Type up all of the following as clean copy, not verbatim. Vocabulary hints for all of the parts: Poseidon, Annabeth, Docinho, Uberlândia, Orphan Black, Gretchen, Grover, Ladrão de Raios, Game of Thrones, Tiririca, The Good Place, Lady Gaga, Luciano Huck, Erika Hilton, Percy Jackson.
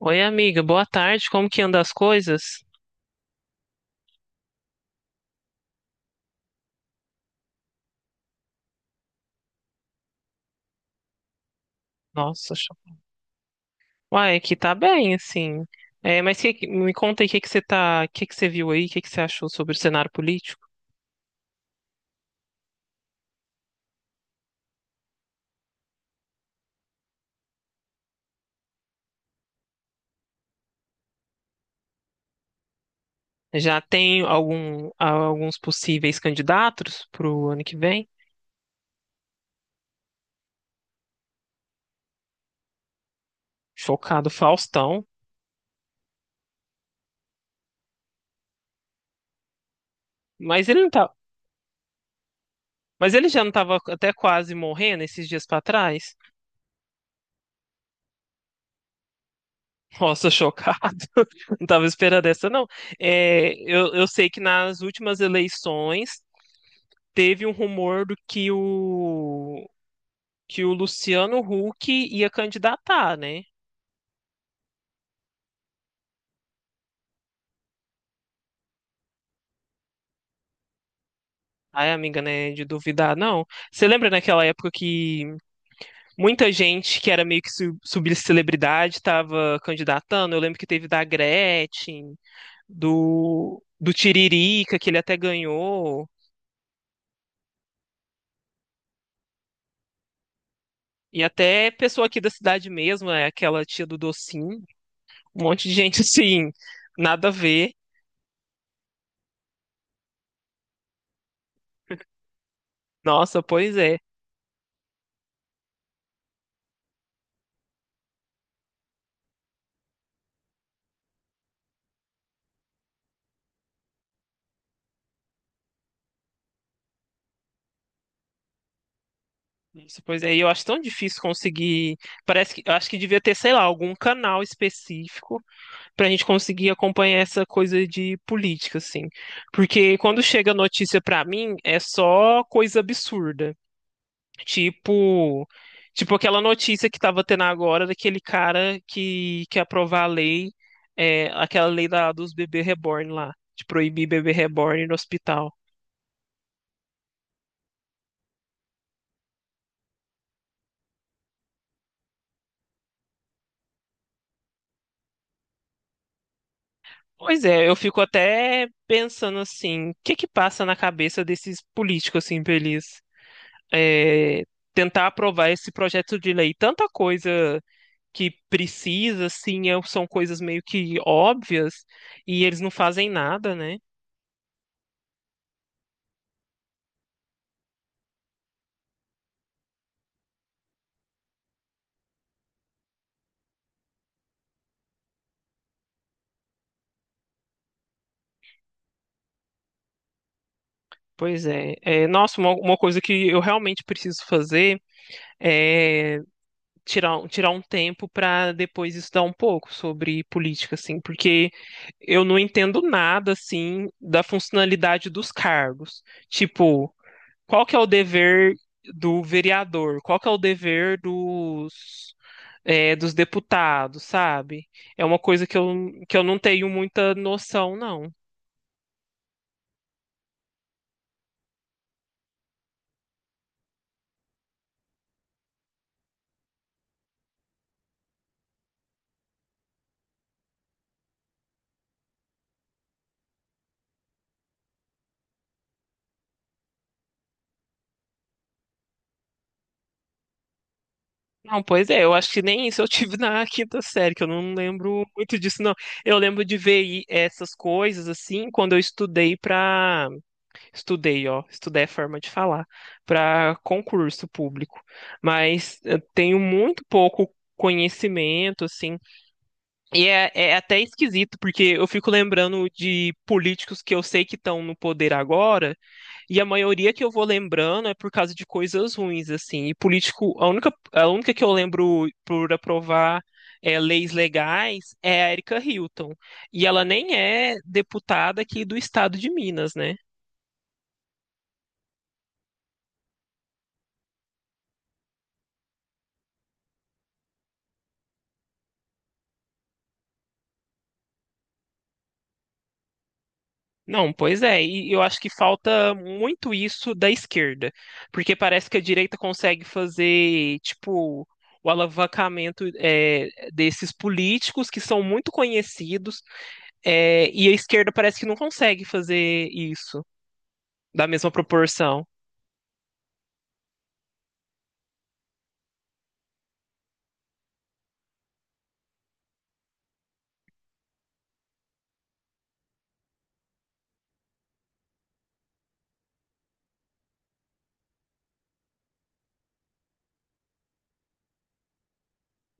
Oi, amiga, boa tarde. Como que anda as coisas? Nossa, uai, aqui tá bem, assim. É, mas me conta aí o que que você tá, o que que você viu aí, o que que você achou sobre o cenário político? Já tem alguns possíveis candidatos pro ano que vem? Chocado, Faustão. Mas ele não tá, mas ele já não tava até quase morrendo esses dias pra trás? Nossa, chocado. Não tava esperando essa, não. É, eu sei que nas últimas eleições teve um rumor do que o Luciano Huck ia candidatar, né? Ai, amiga, né? De duvidar, não. Você lembra naquela época que muita gente que era meio que subcelebridade estava candidatando? Eu lembro que teve da Gretchen, do Tiririca, que ele até ganhou. E até pessoa aqui da cidade mesmo, né? Aquela tia do Docinho. Um monte de gente, assim, nada a ver. Nossa, pois é. Isso, pois é, e eu acho tão difícil conseguir. Parece que eu acho que devia ter, sei lá, algum canal específico para a gente conseguir acompanhar essa coisa de política, assim. Porque quando chega notícia para mim, é só coisa absurda. Tipo, tipo aquela notícia que tava tendo agora daquele cara que quer aprovar a lei, aquela lei dos bebês reborn lá, de proibir bebê reborn no hospital. Pois é, eu fico até pensando assim, o que que passa na cabeça desses políticos assim, pra eles é, tentar aprovar esse projeto de lei? Tanta coisa que precisa, assim, são coisas meio que óbvias e eles não fazem nada, né? Pois é. É, nossa, uma coisa que eu realmente preciso fazer é tirar, tirar um tempo para depois estudar um pouco sobre política, assim, porque eu não entendo nada, assim, da funcionalidade dos cargos. Tipo, qual que é o dever do vereador? Qual que é o dever dos, dos deputados, sabe? É uma coisa que eu não tenho muita noção, não. Não, pois é, eu acho que nem isso eu tive na quinta série, que eu não lembro muito disso, não. Eu lembro de ver essas coisas, assim, quando eu estudei para estudei, ó, estudei a forma de falar para concurso público, mas eu tenho muito pouco conhecimento, assim, e é até esquisito, porque eu fico lembrando de políticos que eu sei que estão no poder agora, e a maioria que eu vou lembrando é por causa de coisas ruins, assim, e político, a única que eu lembro por aprovar. É, leis legais é a Erika Hilton. E ela nem é deputada aqui do estado de Minas, né? Não, pois é, e eu acho que falta muito isso da esquerda, porque parece que a direita consegue fazer, tipo, o alavancamento desses políticos que são muito conhecidos, e a esquerda parece que não consegue fazer isso da mesma proporção.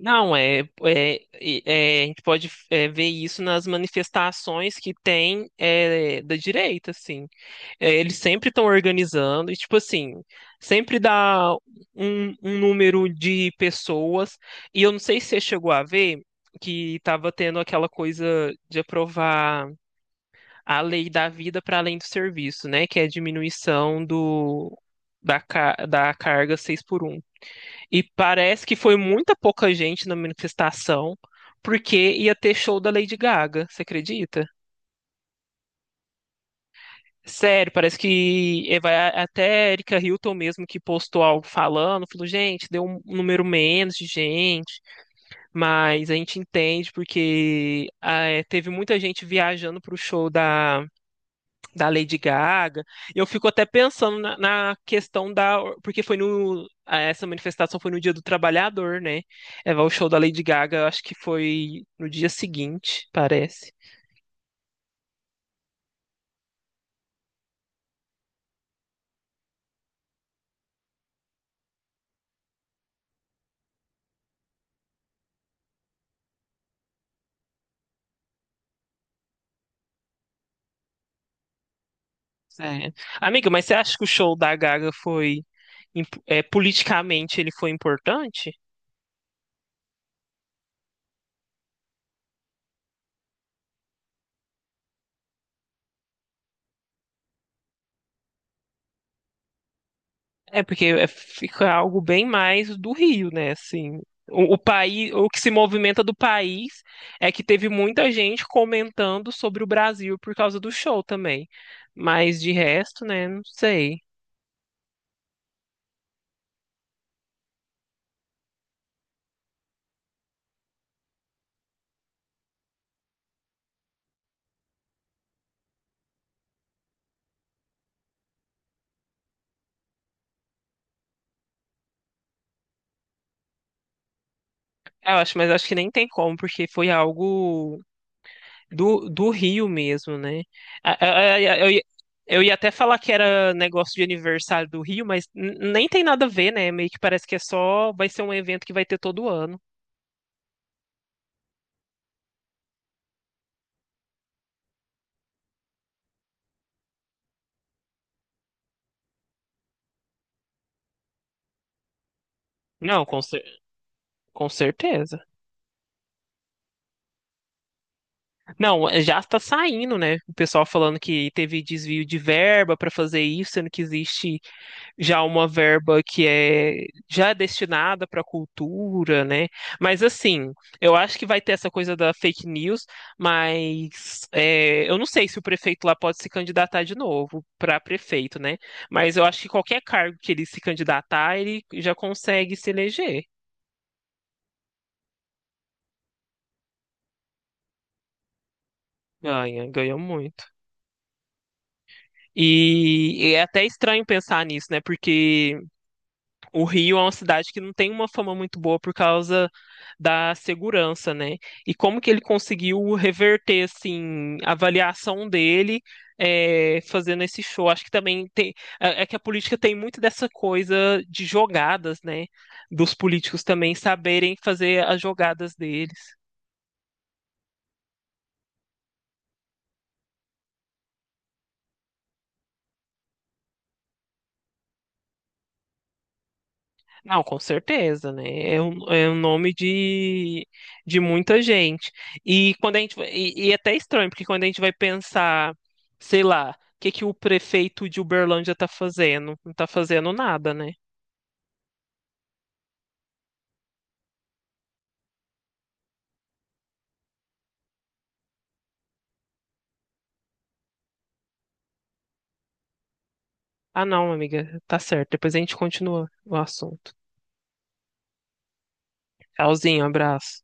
Não, a gente pode ver isso nas manifestações que tem da direita, assim. É, eles sempre estão organizando, e tipo assim, sempre dá um número de pessoas, e eu não sei se você chegou a ver que estava tendo aquela coisa de aprovar a lei da vida para além do serviço, né? Que é a diminuição da carga 6 por um. E parece que foi muita pouca gente na manifestação, porque ia ter show da Lady Gaga, você acredita? Sério, parece que vai até a Erika Hilton mesmo que postou algo falando, falou, gente, deu um número menos de gente, mas a gente entende porque teve muita gente viajando pro show da Lady Gaga. Eu fico até pensando na questão da. Porque foi no. Essa manifestação foi no Dia do Trabalhador, né? É, o show da Lady Gaga, eu acho que foi no dia seguinte, parece. É. Amiga, mas você acha que o show da Gaga foi. É, politicamente ele foi importante? É porque fica algo bem mais do Rio, né? Assim, o país, o que se movimenta do país é que teve muita gente comentando sobre o Brasil por causa do show também. Mas de resto, né? Não sei. Eu acho, mas acho que nem tem como, porque foi algo do Rio mesmo, né? A- a- a- Eu, ia- eu ia até falar que era negócio de aniversário do Rio, mas nem tem nada a ver, né? Meio que parece que é só, vai ser um evento que vai ter todo ano. Não, com certeza. Não, é, já está saindo, né? O pessoal falando que teve desvio de verba para fazer isso, sendo que existe já uma verba que é já é destinada para cultura, né? Mas assim, eu acho que vai ter essa coisa da fake news, mas é, eu não sei se o prefeito lá pode se candidatar de novo para prefeito, né? Mas eu acho que qualquer cargo que ele se candidatar, ele já consegue se eleger. Ganha, ganha muito. E é até estranho pensar nisso, né? Porque o Rio é uma cidade que não tem uma fama muito boa por causa da segurança, né? E como que ele conseguiu reverter, assim, a avaliação dele fazendo esse show? Acho que também tem. É que a política tem muito dessa coisa de jogadas, né? Dos políticos também saberem fazer as jogadas dele. Não, com certeza, né? É um nome de muita gente. E quando a gente vai- e é até estranho, porque quando a gente vai pensar, sei lá, o que que o prefeito de Uberlândia tá fazendo? Não tá fazendo nada, né? Ah, não, amiga, tá certo. Depois a gente continua o assunto. Tchauzinho, abraço.